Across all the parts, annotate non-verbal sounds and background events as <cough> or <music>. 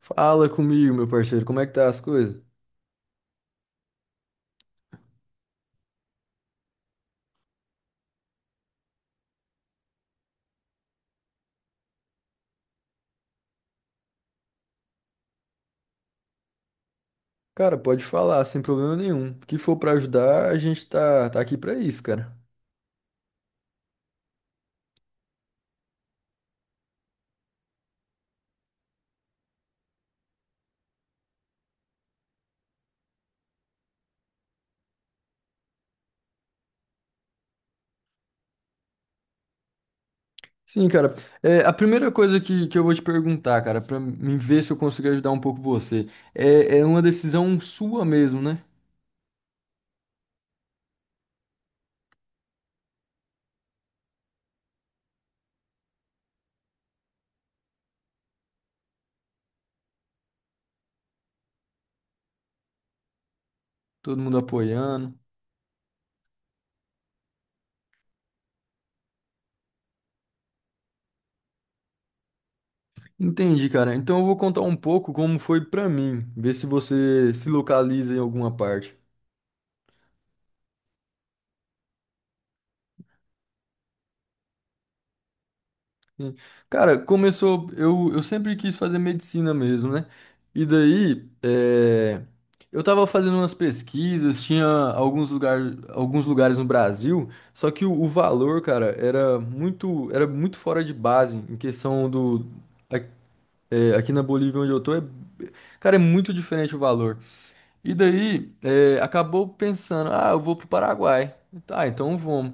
Fala comigo, meu parceiro, como é que tá as coisas? Cara, pode falar, sem problema nenhum. O que for pra ajudar, a gente tá aqui pra isso, cara. Sim, cara. A primeira coisa que eu vou te perguntar, cara, pra mim ver se eu consigo ajudar um pouco você, é uma decisão sua mesmo, né? Todo mundo apoiando. Entendi, cara. Então eu vou contar um pouco como foi pra mim, ver se você se localiza em alguma parte. Sim. Cara, começou. Eu sempre quis fazer medicina mesmo, né? E daí, eu tava fazendo umas pesquisas, tinha alguns lugares no Brasil, só que o valor, cara, era muito fora de base em questão do. a- É, aqui na Bolívia, onde eu tô, é, cara, é muito diferente o valor. E daí, acabou pensando, ah, eu vou pro Paraguai. Tá, então vamos.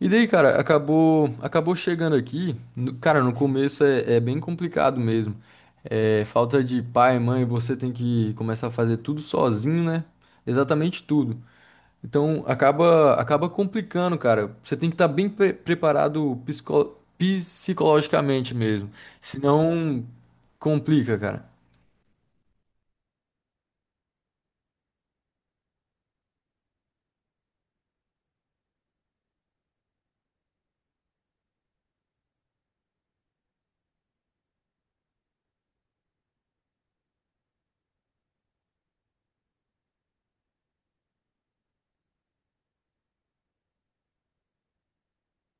E daí, cara, acabou, acabou chegando aqui. Cara, no começo é bem complicado mesmo. É, falta de pai, mãe, você tem que começar a fazer tudo sozinho, né? Exatamente tudo. Então, acaba, acaba complicando, cara. Você tem que estar bem preparado psicologicamente mesmo. Senão, complica, cara.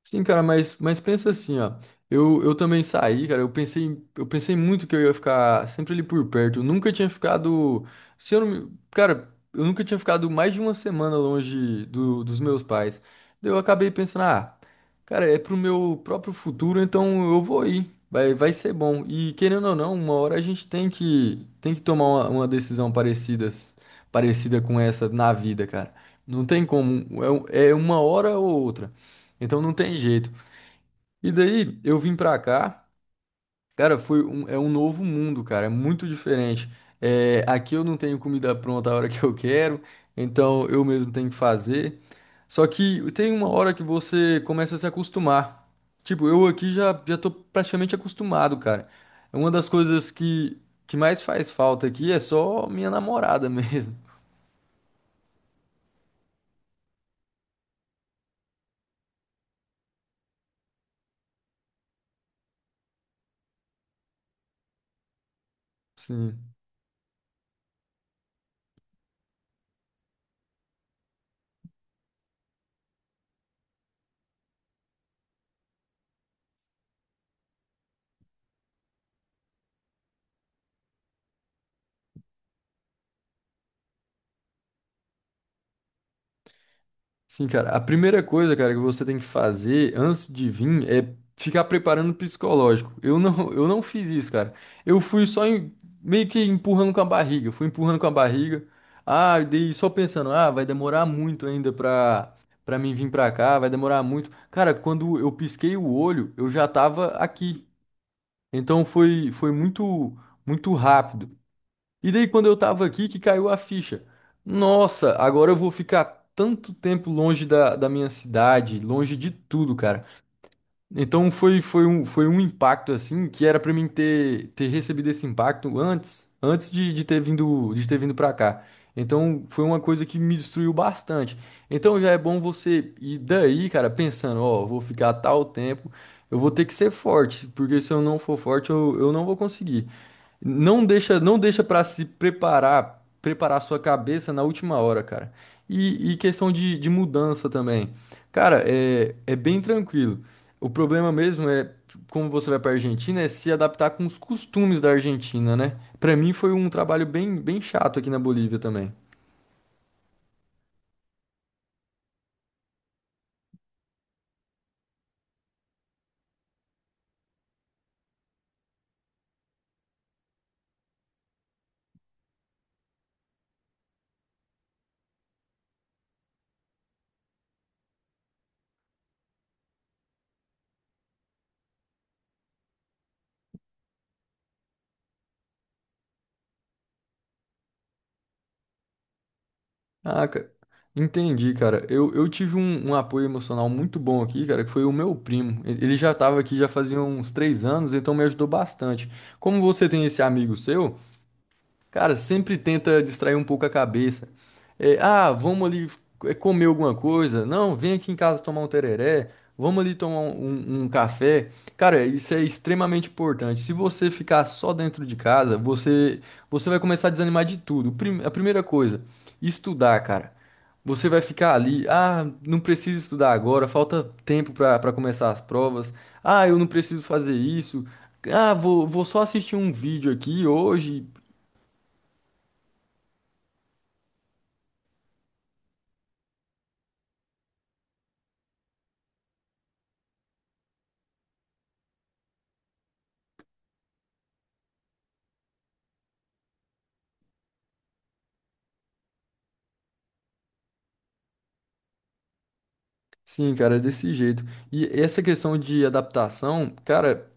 Sim, cara, mas pensa assim, ó. Eu também saí, cara. Eu pensei muito que eu ia ficar sempre ali por perto. Eu nunca tinha ficado. Se eu não me- Cara, eu nunca tinha ficado mais de uma semana longe dos meus pais. Daí eu acabei pensando, ah, cara, é pro meu próprio futuro, então eu vou ir. Vai, vai ser bom. E querendo ou não, uma hora a gente tem tem que tomar uma decisão parecida, parecida com essa na vida, cara. Não tem como. É, é uma hora ou outra. Então não tem jeito. E daí eu vim pra cá, cara, foi um, é um novo mundo, cara, é muito diferente. É, aqui eu não tenho comida pronta a hora que eu quero, então eu mesmo tenho que fazer. Só que tem uma hora que você começa a se acostumar. Tipo, eu aqui já, já tô praticamente acostumado, cara. É uma das coisas que mais faz falta aqui é só minha namorada <laughs> mesmo. Sim. Sim, cara. A primeira coisa, cara, que você tem que fazer antes de vir é ficar preparando o psicológico. Eu não, <laughs> eu não fiz isso, cara. Eu fui só em- Meio que empurrando com a barriga. Fui empurrando com a barriga. Ah, e daí só pensando, ah, vai demorar muito ainda pra mim vir pra cá, vai demorar muito. Cara, quando eu pisquei o olho, eu já tava aqui. Então foi, foi muito, muito rápido. E daí, quando eu tava aqui, que caiu a ficha. Nossa, agora eu vou ficar tanto tempo longe da minha cidade, longe de tudo, cara. Então foi, foi um impacto assim que era pra mim ter, ter recebido esse impacto antes, antes de ter vindo para cá. Então foi uma coisa que me destruiu bastante. Então já é bom você ir daí, cara, pensando, ó, vou ficar tal tempo eu vou ter que ser forte, porque se eu não for forte, eu não vou conseguir. Não deixa, não deixa para se preparar, preparar sua cabeça na última hora, cara. E questão de mudança também. Cara, é bem tranquilo. O problema mesmo é, como você vai para Argentina, é se adaptar com os costumes da Argentina, né? Para mim foi um trabalho bem, bem chato aqui na Bolívia também. Ah, ca- Entendi, cara. Eu tive um, um apoio emocional muito bom aqui, cara, que foi o meu primo. Ele já estava aqui já fazia uns três anos, então me ajudou bastante. Como você tem esse amigo seu, cara, sempre tenta distrair um pouco a cabeça. É, ah, vamos ali é, comer alguma coisa. Não, vem aqui em casa tomar um tereré. Vamos ali tomar um, um café. Cara, isso é extremamente importante. Se você ficar só dentro de casa, você vai começar a desanimar de tudo. A primeira coisa, estudar, cara. Você vai ficar ali, ah, não preciso estudar agora, falta tempo para começar as provas. Ah, eu não preciso fazer isso. Ah, vou, vou só assistir um vídeo aqui hoje. Sim, cara, é desse jeito. E essa questão de adaptação, cara,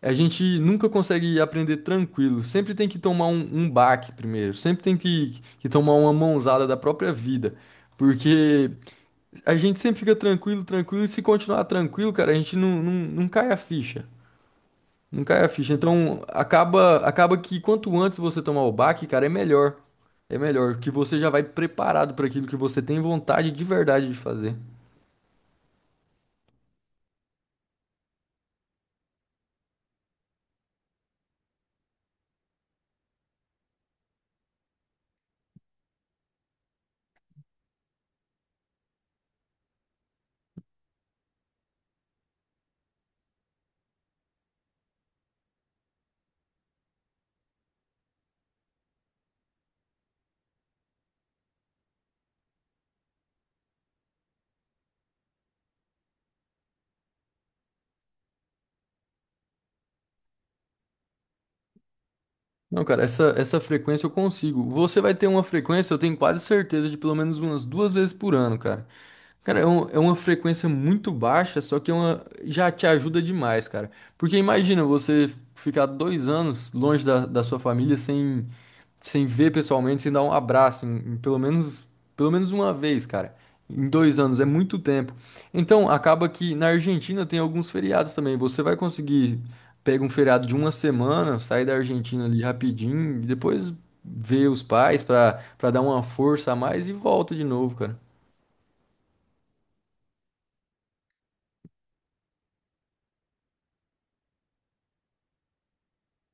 a gente nunca consegue aprender tranquilo. Sempre tem que tomar um, um baque primeiro. Sempre tem que tomar uma mãozada da própria vida. Porque a gente sempre fica tranquilo, tranquilo. E se continuar tranquilo, cara, a gente não cai a ficha. Não cai a ficha. Então, acaba, acaba que quanto antes você tomar o baque, cara, é melhor. É melhor, que você já vai preparado para aquilo que você tem vontade de verdade de fazer. Não, cara, essa frequência eu consigo. Você vai ter uma frequência, eu tenho quase certeza, de pelo menos umas duas vezes por ano, cara. Cara, é, é uma frequência muito baixa, só que é uma, já te ajuda demais, cara. Porque imagina você ficar dois anos longe da sua família sem, sem ver pessoalmente, sem dar um abraço, em pelo menos uma vez, cara. Em dois anos, é muito tempo. Então, acaba que na Argentina tem alguns feriados também. Você vai conseguir pega um feriado de uma semana, sai da Argentina ali rapidinho, e depois vê os pais pra dar uma força a mais e volta de novo, cara.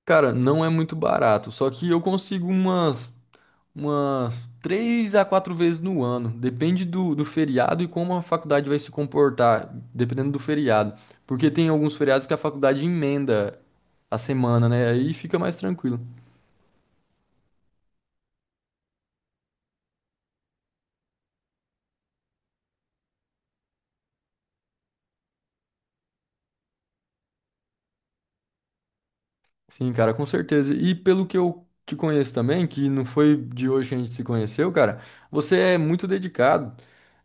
Cara, não é muito barato, só que eu consigo umas, umas três a quatro vezes no ano. Depende do feriado e como a faculdade vai se comportar, dependendo do feriado. Porque tem alguns feriados que a faculdade emenda a semana, né? Aí fica mais tranquilo. Sim, cara, com certeza. E pelo que eu te conheço também, que não foi de hoje que a gente se conheceu, cara, você é muito dedicado,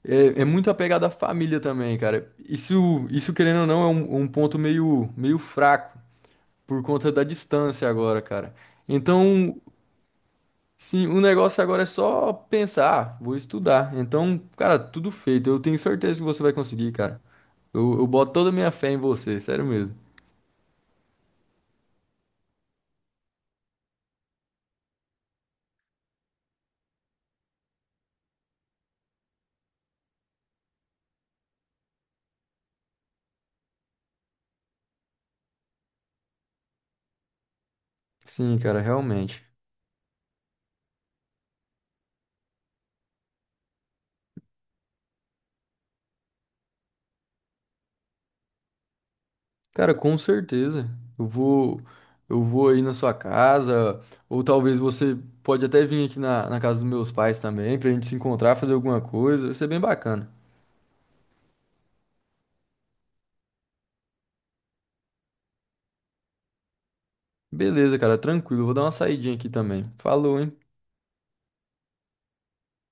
é muito apegado à família também, cara. Isso querendo ou não, é um, um ponto meio, meio fraco por conta da distância agora, cara. Então, sim, o negócio agora é só pensar, "Ah, vou estudar." Então, cara, tudo feito. Eu tenho certeza que você vai conseguir, cara. Eu boto toda a minha fé em você, sério mesmo. Sim, cara, realmente. Cara, com certeza. Eu vou, eu vou aí na sua casa, ou talvez você pode até vir aqui na casa dos meus pais também, pra gente se encontrar, fazer alguma coisa. Vai ser bem bacana. Beleza, cara, tranquilo. Eu vou dar uma saidinha aqui também. Falou, hein?